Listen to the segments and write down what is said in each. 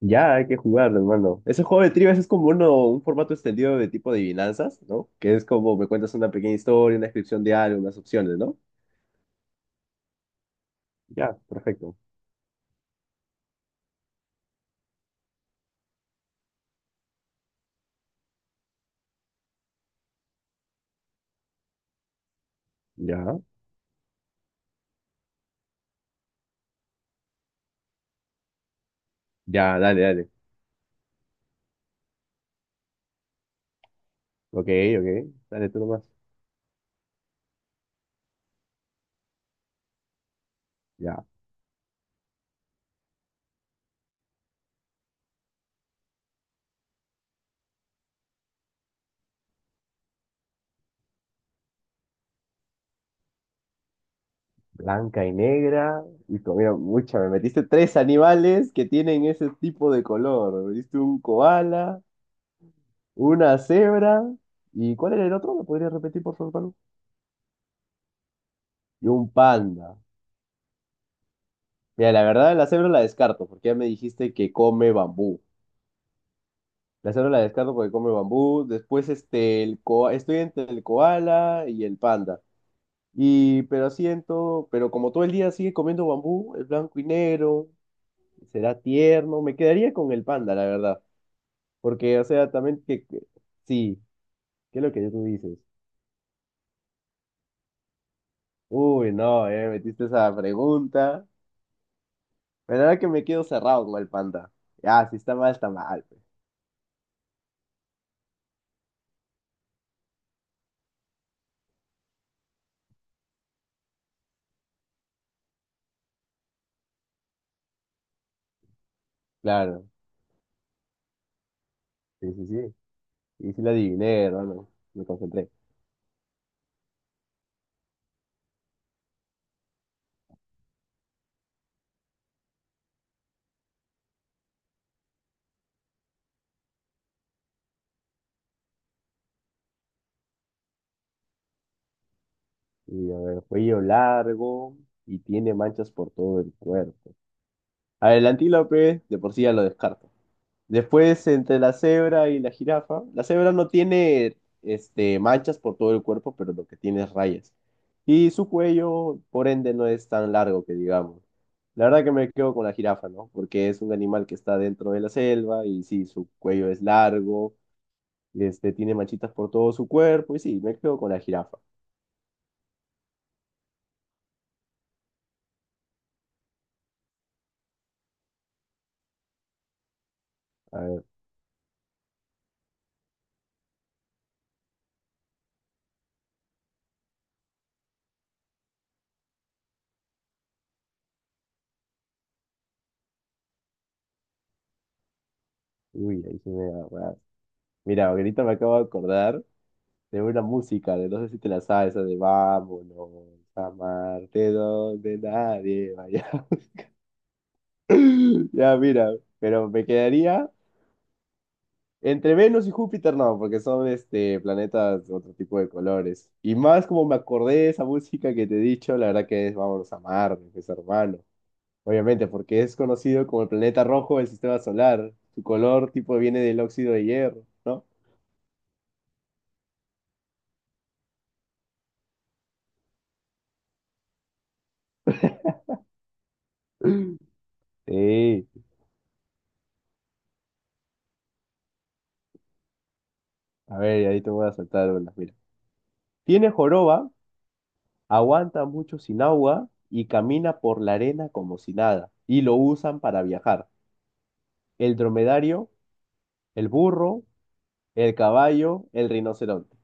Ya, hay que jugar, hermano. Ese juego de trivias es como un formato extendido de tipo de adivinanzas, ¿no? Que es como me cuentas una pequeña historia, una descripción de algo, unas opciones, ¿no? Ya, perfecto. Ya, ya, dale, dale. Ok, ok, dale tú nomás. Ya, blanca y negra. Y mira, mucha, me metiste tres animales que tienen ese tipo de color. Me metiste un koala, una cebra. ¿Y cuál era el otro? ¿Me podrías repetir, por favor, Pablo? Y un panda. Mira, la verdad, la cebra la descarto, porque ya me dijiste que come bambú. La cebra la descarto porque come bambú. Después, este, estoy entre el koala y el panda. Y, pero siento, pero como todo el día sigue comiendo bambú, es blanco y negro, será tierno. Me quedaría con el panda, la verdad. Porque, o sea, también sí, ¿qué es lo que tú dices? Uy, no, metiste esa pregunta. Pero ahora que me quedo cerrado con el panda. Ah, si está mal, está mal pues. Claro. Sí, sí, sí. Y sí la adiviné, hermano. Me concentré. Y a ver, cuello largo y tiene manchas por todo el cuerpo. A ver, el antílope de por sí ya lo descarto. Después, entre la cebra y la jirafa, la cebra no tiene este, manchas por todo el cuerpo, pero lo que tiene es rayas. Y su cuello, por ende, no es tan largo que digamos. La verdad que me quedo con la jirafa, ¿no? Porque es un animal que está dentro de la selva y sí, su cuello es largo, este, tiene manchitas por todo su cuerpo y sí, me quedo con la jirafa. A ver, uy, ahí sí me da agarras. Mira, ahorita me acabo de acordar de una música, de no sé si te la sabes, esa de Vámonos, a Marte donde nadie vaya. Ya, mira, pero me quedaría entre Venus y Júpiter, no, porque son este, planetas de otro tipo de colores. Y más como me acordé de esa música que te he dicho, la verdad que es Vámonos a Marte, pues hermano. Obviamente, porque es conocido como el planeta rojo del sistema solar. Su color tipo viene del óxido de hierro, ¿no? Sí, a ver, ahí te voy a saltar una. Mira. Tiene joroba, aguanta mucho sin agua y camina por la arena como si nada. Y lo usan para viajar. El dromedario, el burro, el caballo, el rinoceronte.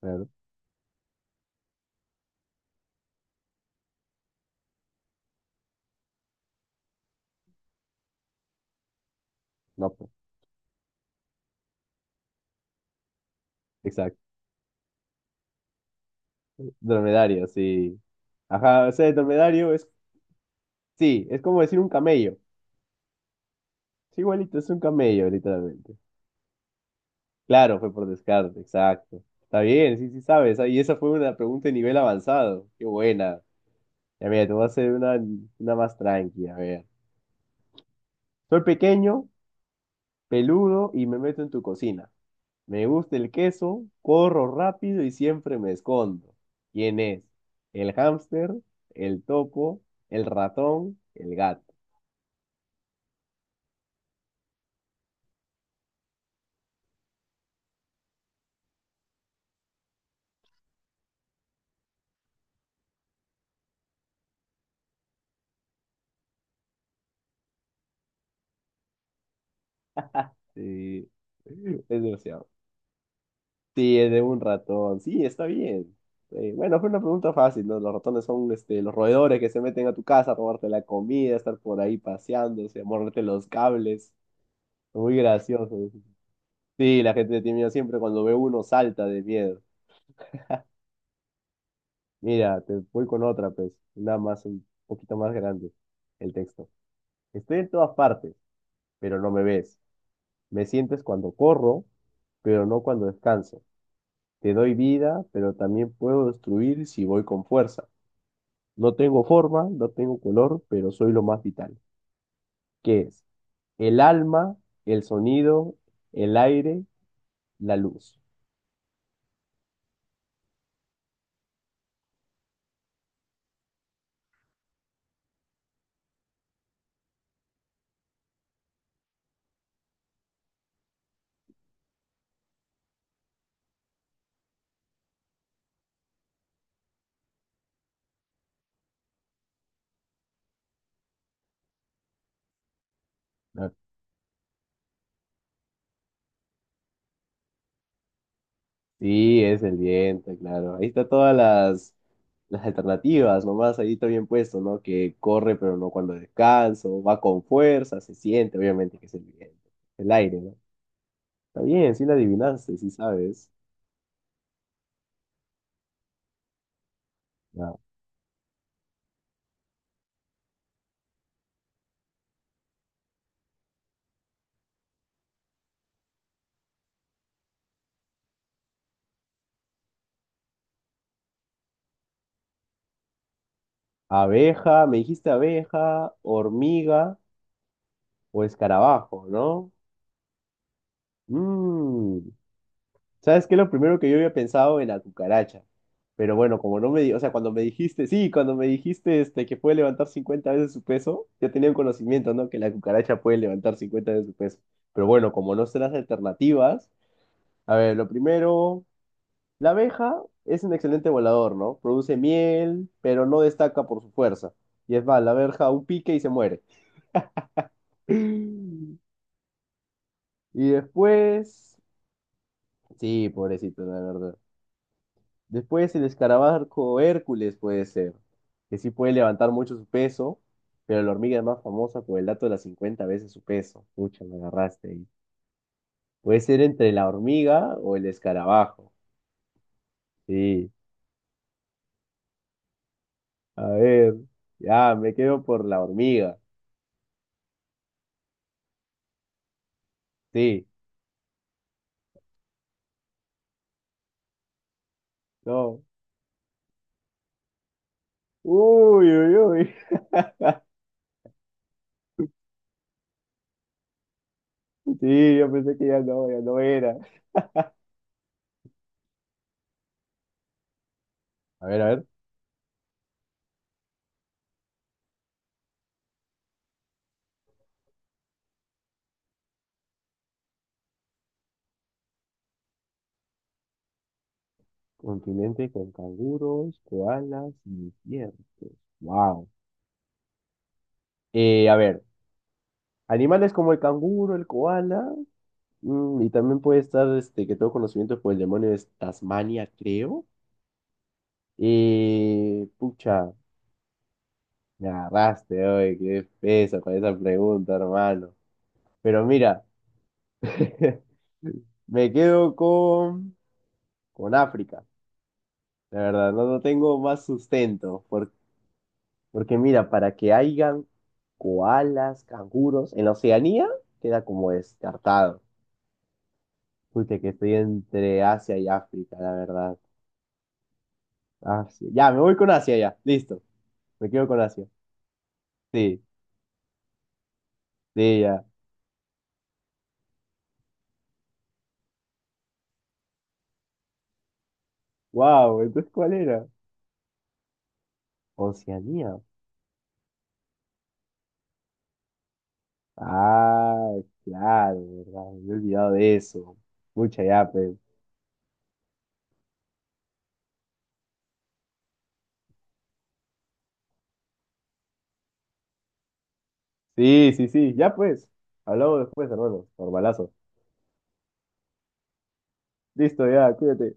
Claro, no, pues, exacto. Dromedario, sí. Ajá, o sea, el dromedario es, sí, es como decir un camello. Es igualito, es un camello, literalmente. Claro, fue por descarte, exacto. Está bien, sí, sí sabes. Y esa fue una pregunta de nivel avanzado. Qué buena. Ya mira, te voy a hacer una más tranquila, a ver. Soy pequeño, peludo y me meto en tu cocina. Me gusta el queso, corro rápido y siempre me escondo. ¿Quién es? ¿El hámster, el topo, el ratón, el gato? Sí, es demasiado. Sí, es de un ratón. Sí, está bien. Sí, bueno, fue una pregunta fácil, ¿no? Los ratones son este, los roedores que se meten a tu casa a robarte la comida, estar por ahí paseándose, a morderte los cables. Muy gracioso. Sí, la gente tiene siempre cuando ve uno salta de miedo. Mira, te voy con otra, pues, una más, un poquito más grande, el texto. Estoy en todas partes, pero no me ves. Me sientes cuando corro, pero no cuando descanso. Te doy vida, pero también puedo destruir si voy con fuerza. No tengo forma, no tengo color, pero soy lo más vital. ¿Qué es? El alma, el sonido, el aire, la luz. Sí, es el diente, claro. Ahí está todas las alternativas, nomás ahí está bien puesto, ¿no? Que corre pero no cuando descanso, va con fuerza, se siente, obviamente que es el viento, el aire, ¿no? Está bien, sí la adivinaste, sí sabes. Ya. Abeja, me dijiste abeja, hormiga o escarabajo, ¿no? Mm, ¿Sabes qué? Lo primero que yo había pensado en la cucaracha. Pero bueno, como no me di, o sea, cuando me dijiste, sí, cuando me dijiste este, que puede levantar 50 veces su peso, ya tenía un conocimiento, ¿no? Que la cucaracha puede levantar 50 veces su peso. Pero bueno, como no sé las alternativas, a ver, lo primero, la abeja es un excelente volador, ¿no? Produce miel, pero no destaca por su fuerza. Y es más, la abeja un pique y se muere. Y después, sí, pobrecito, la verdad. Después el escarabajo Hércules puede ser, que sí puede levantar mucho su peso, pero la hormiga es más famosa por el dato de las 50 veces su peso. Pucha, me agarraste ahí. Puede ser entre la hormiga o el escarabajo. Sí, a ver, ya, me quedo por la hormiga. Sí, no. Uy, uy, uy. Sí, yo pensé que ya no, ya no era. A ver, a ver. Continente con canguros, koalas y desiertos. Wow. A ver. Animales como el canguro, el koala, y también puede estar, este, que tengo conocimiento por el demonio de Tasmania, creo. Pucha, me agarraste, oye, qué peso con esa pregunta, hermano. Pero mira, me quedo con África, la verdad, no, no tengo más sustento, porque mira, para que hayan koalas, canguros, en la Oceanía queda como descartado. Pucha, que estoy entre Asia y África, la verdad. Asia. Ya, me voy con Asia ya. Listo. Me quedo con Asia. Sí, sí, ya. Wow, entonces ¿cuál era? Oceanía. Ah, claro, verdad. Me he olvidado de eso. Mucha ya, pues. Sí, sí, sí. Ya pues. Hablamos después, hermano. Normalazo. Listo, ya, cuídate.